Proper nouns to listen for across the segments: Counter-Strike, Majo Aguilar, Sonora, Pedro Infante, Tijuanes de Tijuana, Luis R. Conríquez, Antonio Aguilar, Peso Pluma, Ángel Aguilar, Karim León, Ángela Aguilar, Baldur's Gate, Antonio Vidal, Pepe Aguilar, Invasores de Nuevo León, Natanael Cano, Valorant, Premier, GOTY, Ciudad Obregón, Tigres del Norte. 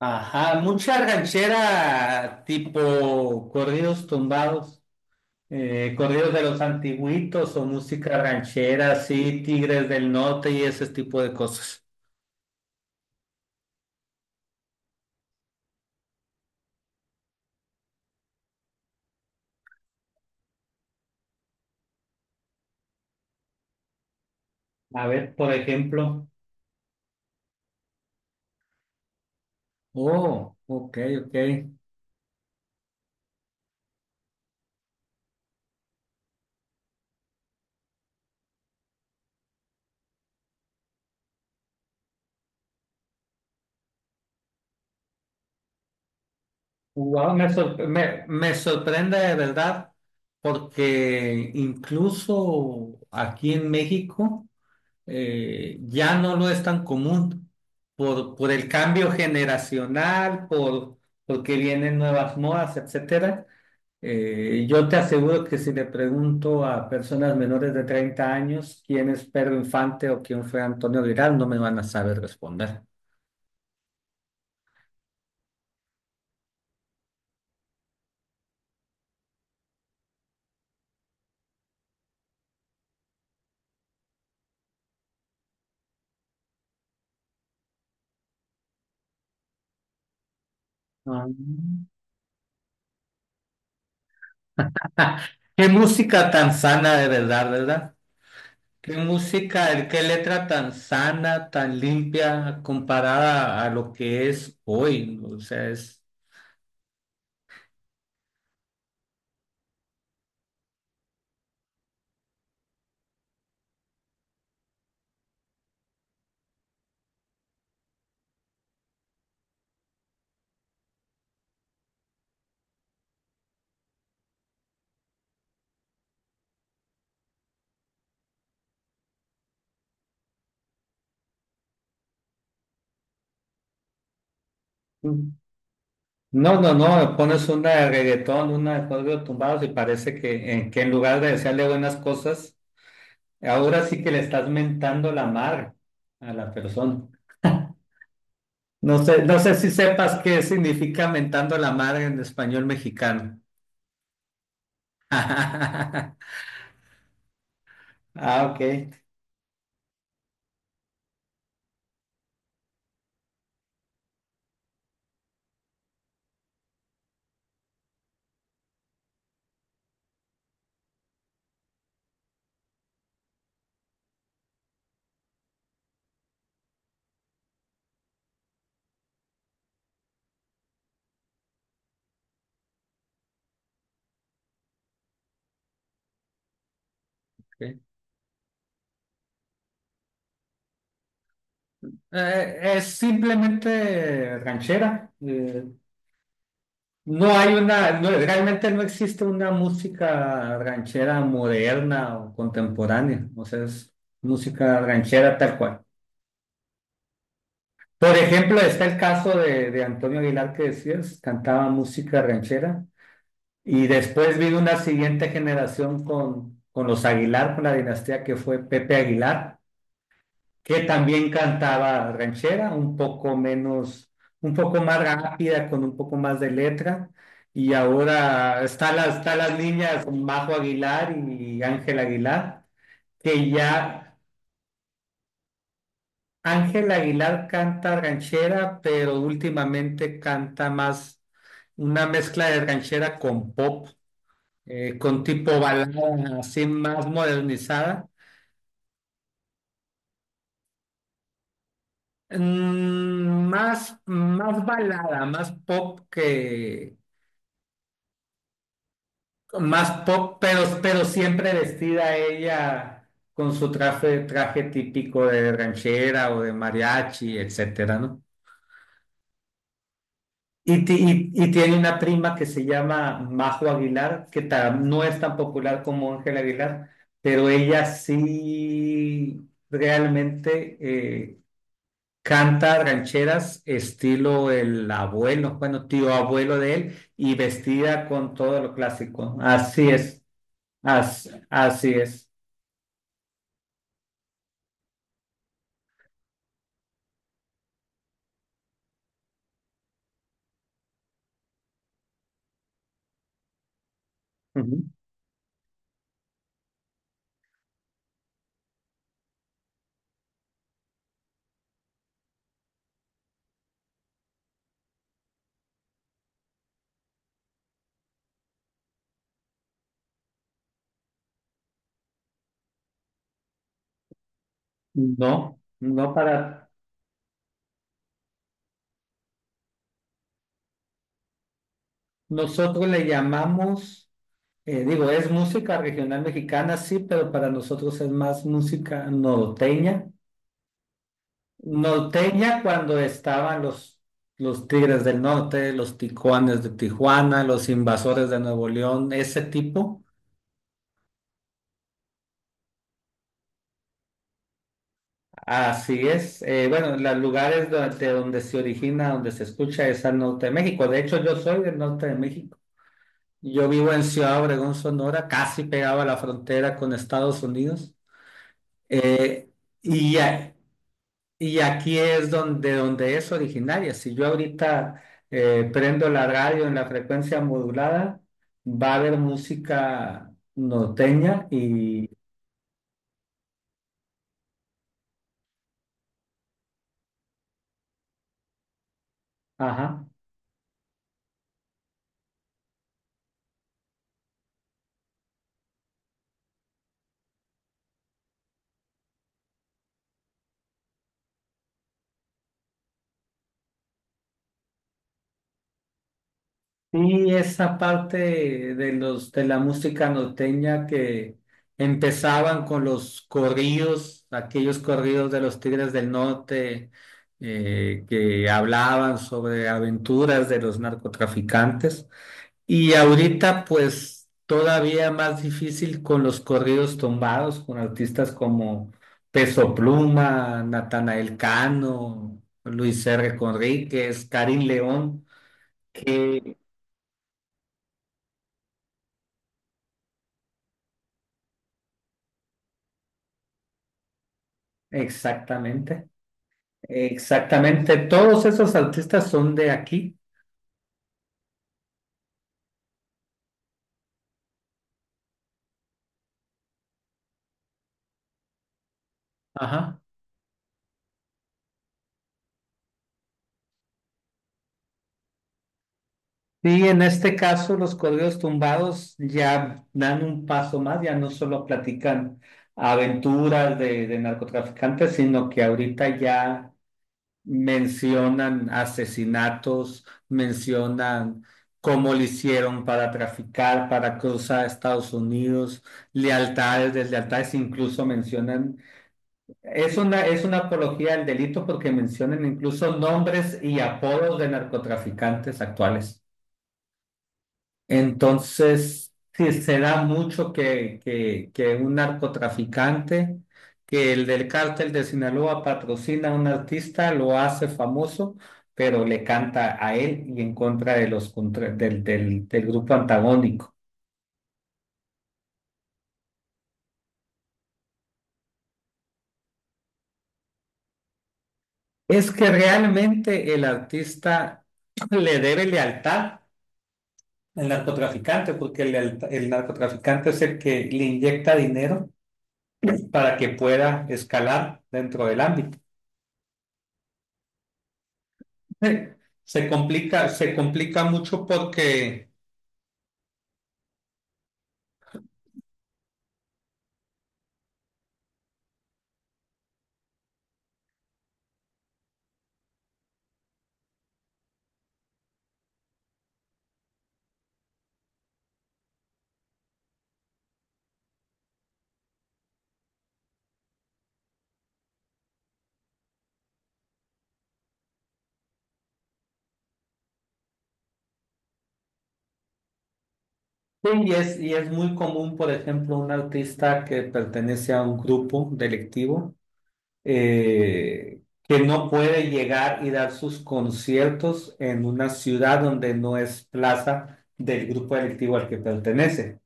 Ajá, mucha ranchera tipo corridos tumbados, corridos de los antiguitos o música ranchera, sí, Tigres del Norte y ese tipo de cosas. A ver, por ejemplo. Oh, ok, ok. Wow, me sorprende de verdad porque incluso aquí en México. Ya no lo es tan común por el cambio generacional, porque vienen nuevas modas, etcétera. Yo te aseguro que si le pregunto a personas menores de 30 años quién es Pedro Infante o quién fue Antonio Vidal, no me van a saber responder. Ah. Qué música tan sana de verdad, ¿verdad? Qué música, qué letra tan sana, tan limpia comparada a lo que es hoy, ¿no? O sea, es... No, no, no, pones una de reggaetón, una de corridos tumbados y parece que, que en lugar de desearle buenas cosas, ahora sí que le estás mentando la madre a la persona. No sé, no sé si sepas qué significa mentando la madre en español mexicano. Ah, ok, ok. Es simplemente ranchera. No hay una, realmente no existe una música ranchera moderna o contemporánea, o sea, es música ranchera tal cual. Por ejemplo, está el caso de Antonio Aguilar que decías, cantaba música ranchera y después vino una siguiente generación con los Aguilar, con la dinastía que fue Pepe Aguilar, que también cantaba ranchera, un poco menos, un poco más rápida, con un poco más de letra. Y ahora está las niñas Majo Aguilar y Ángel Aguilar, que ya Ángel Aguilar canta ranchera, pero últimamente canta más una mezcla de ranchera con pop, con tipo balada así más modernizada. Más, más balada, más pop que... Más pop, pero siempre vestida ella con su traje, traje típico de ranchera o de mariachi, etcétera, ¿no? Y, y tiene una prima que se llama Majo Aguilar, que no es tan popular como Ángela Aguilar, pero ella sí realmente canta rancheras estilo el abuelo, bueno, tío abuelo de él, y vestida con todo lo clásico. Así es, así es. Ujú. No, no, para nosotros le llamamos, digo, es música regional mexicana, sí, pero para nosotros es más música norteña. Norteña cuando estaban los Tigres del Norte, los Tijuanes de Tijuana, los Invasores de Nuevo León, ese tipo. Así es. Bueno, los lugares de donde se origina, donde se escucha es al norte de México. De hecho, yo soy del norte de México. Yo vivo en Ciudad Obregón, Sonora, casi pegado a la frontera con Estados Unidos. Eh, y, a- y aquí es donde, donde es originaria. Si yo ahorita prendo la radio en la frecuencia modulada, va a haber música norteña y... Ajá. Sí, esa parte de los de la música norteña que empezaban con los corridos, aquellos corridos de los Tigres del Norte que hablaban sobre aventuras de los narcotraficantes. Y ahorita, pues, todavía más difícil con los corridos tumbados, con artistas como Peso Pluma, Natanael Cano, Luis R. Conríquez, Karim León, que... Exactamente, exactamente. Todos esos artistas son de aquí. Ajá. Y en este caso, los corridos tumbados ya dan un paso más, ya no solo platican aventuras de narcotraficantes, sino que ahorita ya mencionan asesinatos, mencionan cómo le hicieron para traficar, para cruzar a Estados Unidos, lealtades, deslealtades, incluso mencionan... es una apología del delito porque mencionan incluso nombres y apodos de narcotraficantes actuales. Entonces, sí, se da mucho que un narcotraficante, que el del cártel de Sinaloa patrocina a un artista, lo hace famoso, pero le canta a él y en contra de los, del grupo antagónico. Es que realmente el artista le debe lealtad el narcotraficante, porque el, el narcotraficante es el que le inyecta dinero para que pueda escalar dentro del ámbito. Se complica mucho porque... Sí, y es muy común, por ejemplo, un artista que pertenece a un grupo delictivo que no puede llegar y dar sus conciertos en una ciudad donde no es plaza del grupo delictivo al que pertenece.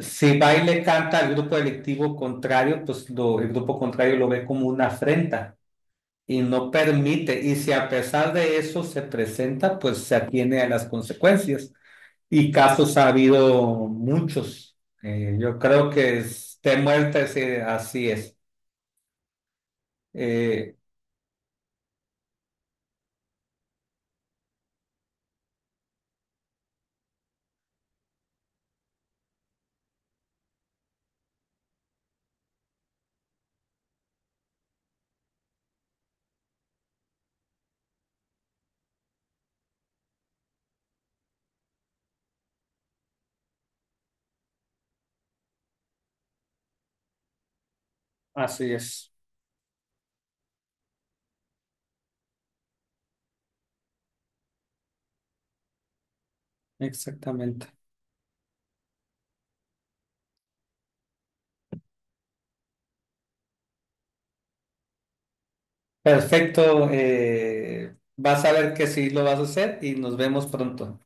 Si va y le canta al grupo delictivo contrario, pues el grupo contrario lo ve como una afrenta y no permite. Y si a pesar de eso se presenta, pues se atiene a las consecuencias. Y casos ha habido muchos. Yo creo que es de muerte, sí, así es. Eh, Así es, exactamente. Perfecto. Vas a ver que sí lo vas a hacer y nos vemos pronto.